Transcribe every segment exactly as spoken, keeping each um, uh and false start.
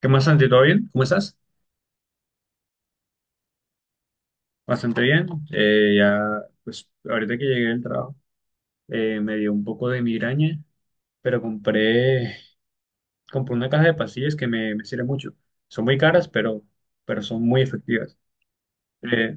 ¿Qué más, Santi? ¿Todo bien? ¿Cómo estás? Bastante bien. Eh, ya, pues, ahorita que llegué del trabajo, eh, me dio un poco de migraña, pero compré, compré una caja de pastillas que me, me sirve mucho. Son muy caras, pero, pero son muy efectivas. Eh,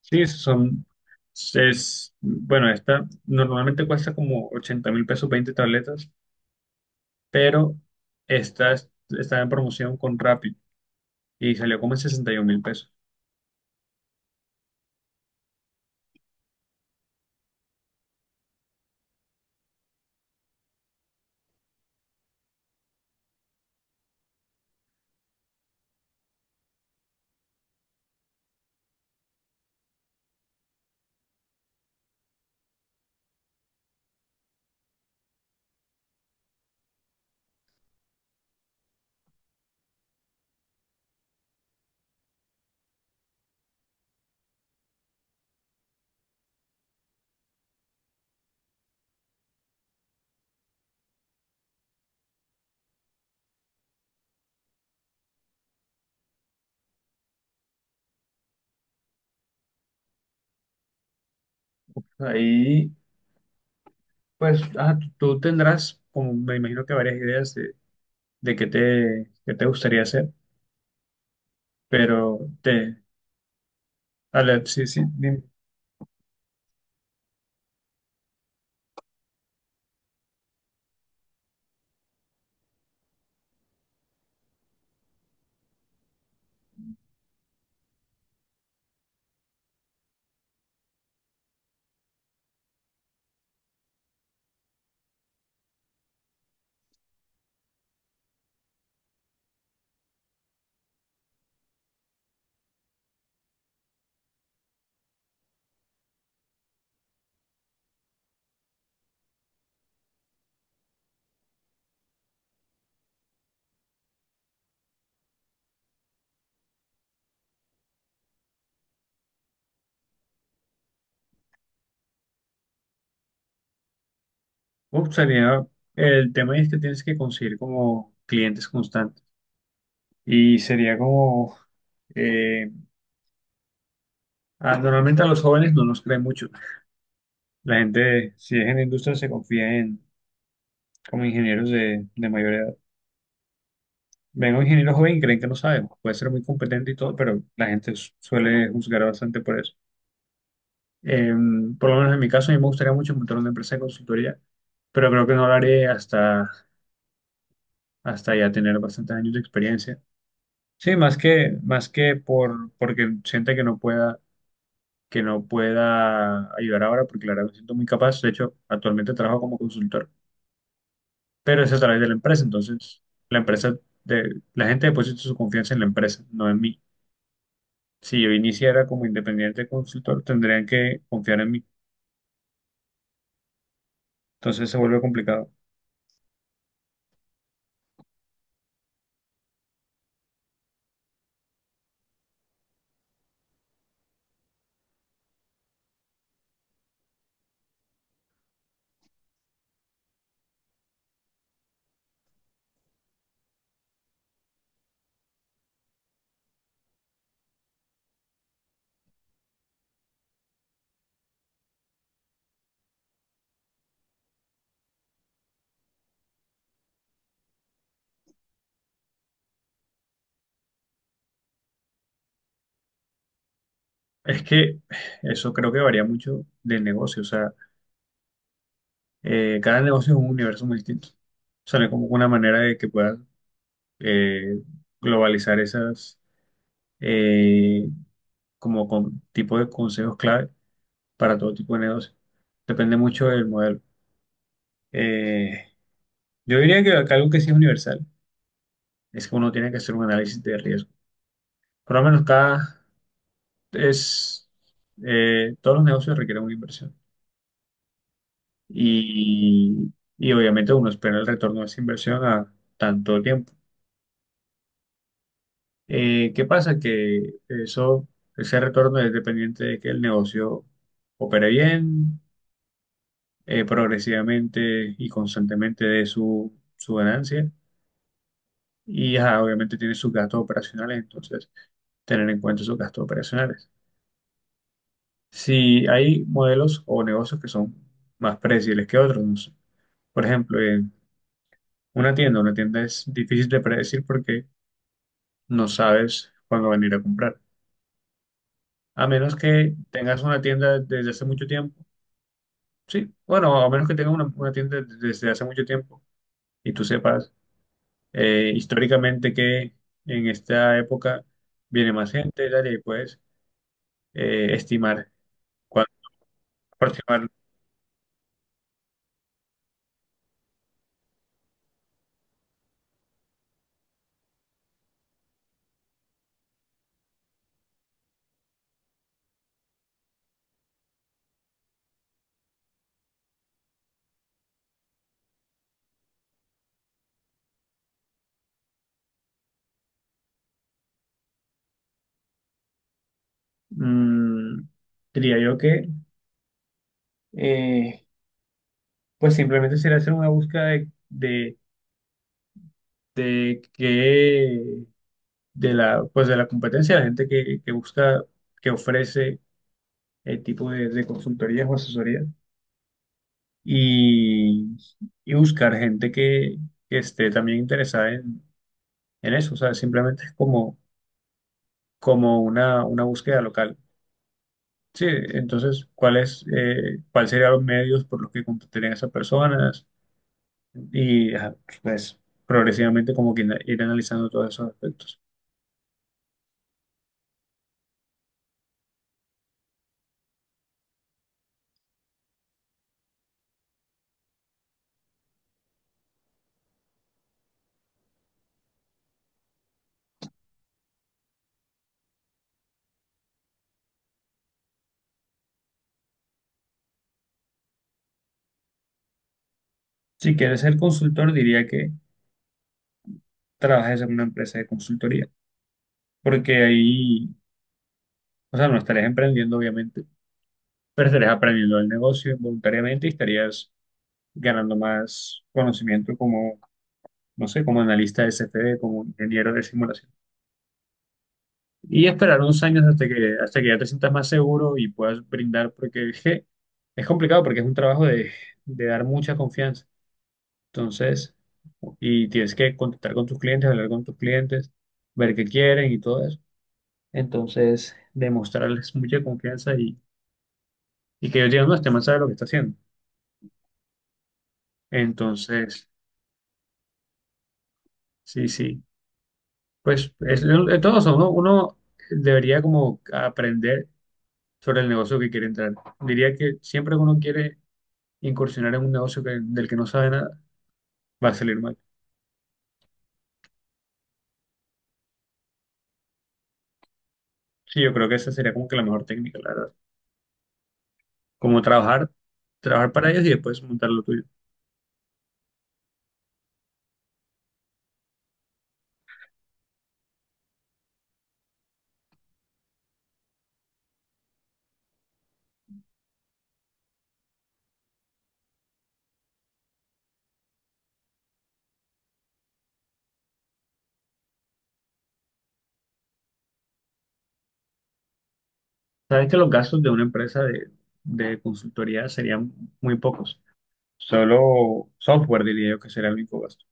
sí, son, es, bueno, esta normalmente cuesta como ochenta mil pesos, veinte tabletas, pero esta es- está en promoción con Rappi y salió como en sesenta y un mil pesos. Ahí. Pues ajá, tú tú tendrás, como me imagino que varias ideas de, de qué te, qué te gustaría hacer, pero te, a la- sí, sí, me gustaría. El tema es que tienes que conseguir como clientes constantes y sería como, eh, ah, normalmente a los jóvenes no nos creen mucho. La gente, si es en la industria, se confía en como ingenieros de, de mayor edad. Ven a un ingeniero joven y creen que no sabe, puede ser muy competente y todo, pero la gente su- suele juzgar bastante por eso. Eh, por lo menos en mi caso, a mí me gustaría mucho montar una empresa de consultoría, pero creo que no lo haré hasta, hasta ya tener bastantes años de experiencia. Sí, más que, más que por, porque siente que no pueda, que no pueda ayudar ahora, porque la verdad me siento muy capaz. De hecho, actualmente trabajo como consultor, pero es a través de la empresa. Entonces, la empresa de, la gente deposita su confianza en la empresa, no en mí. Si yo iniciara como independiente consultor, tendrían que confiar en mí. Entonces se vuelve complicado. Es que eso creo que varía mucho del negocio, o sea, eh, cada negocio es un universo muy distinto. O sea, no hay como una manera de que puedas eh, globalizar esas eh, como con tipo de consejos clave para todo tipo de negocio. Depende mucho del modelo. Eh, yo diría que acá algo que sí es universal es que uno tiene que hacer un análisis de riesgo. Por lo menos cada es eh, todos los negocios requieren una inversión. y, y obviamente uno espera el retorno de esa inversión a tanto tiempo. Eh, ¿qué pasa? Que eso, ese retorno es dependiente de que el negocio opere bien, eh, progresivamente y constantemente de su, su ganancia y ajá, obviamente tiene sus gastos operacionales, entonces tener en cuenta sus gastos operacionales. Si hay modelos o negocios que son más predecibles que otros, no sé. Por ejemplo, eh, una tienda, una tienda es difícil de predecir porque no sabes cuándo venir a comprar. A menos que tengas una tienda desde hace mucho tiempo. Sí, bueno, a menos que tengas una, una tienda desde hace mucho tiempo y tú sepas eh, históricamente que en esta época viene más gente, tal y puedes eh, estimar cuánto aproximar. Mm, Diría yo que, eh, pues simplemente sería hacer una búsqueda de, de, de que de la, pues de la competencia, la gente que, que busca, que ofrece el tipo de, de consultorías o asesorías y, y buscar gente que, que esté también interesada en, en eso. O sea, simplemente es como, como una, una búsqueda local. Sí, entonces, ¿cuál es, eh, cuál serían los medios por los que contactarían a esas personas? Y ajá, pues progresivamente como que na- ir analizando todos esos aspectos. Si quieres ser consultor, diría que trabajes en una empresa de consultoría, porque ahí, o sea, no estarías emprendiendo, obviamente pero estarías aprendiendo el negocio voluntariamente y estarías ganando más conocimiento como, no sé, como analista de C F D, como ingeniero de simulación. Y esperar unos años hasta que, hasta que ya te sientas más seguro y puedas brindar, porque je, es complicado, porque es un trabajo de, de dar mucha confianza. Entonces, y tienes que contactar con tus clientes, hablar con tus clientes, ver qué quieren y todo eso. Entonces, demostrarles mucha confianza y, y que ellos digan, no, este man sabe lo que está haciendo. Entonces, sí, sí. Pues es, es todo eso, ¿no? Uno debería como aprender sobre el negocio que quiere entrar. Diría que siempre que uno quiere incursionar en un negocio que- del que no sabe nada, va a salir mal. Sí, yo creo que esa sería como que la mejor técnica, la verdad. Como trabajar, trabajar para ellos y después montar lo tuyo. Sabes que los gastos de una empresa de, de consultoría serían muy pocos. Solo software diría yo que sería el único gasto.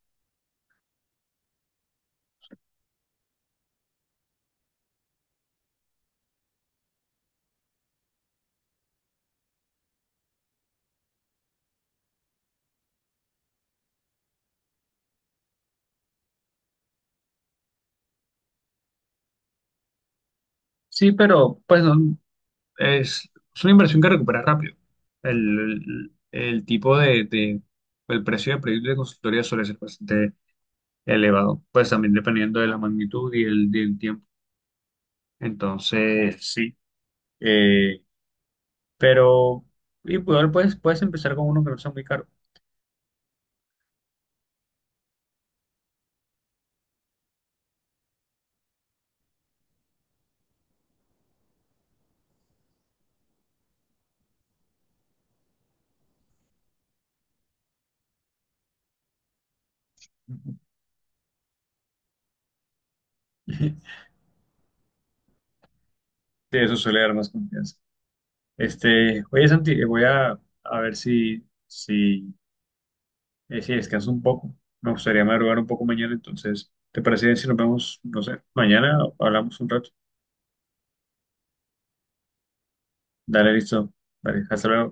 Sí, pero pues no, es, es una inversión que recupera rápido. El, el- el tipo de, de- el precio de proyecto de consultoría suele ser bastante elevado, pues también dependiendo de la magnitud y el, del tiempo. Entonces, sí, eh, pero y pues, puedes, puedes empezar con uno que no sea muy caro. Sí, eso suele dar más confianza. Este, oye, Santi, eh, voy a, a ver si, si Eh, sí, descanso un poco. Me gustaría madrugar un poco mañana, entonces, ¿te parece bien si nos vemos, no sé, mañana o hablamos un rato? Dale, listo. Vale, hasta luego.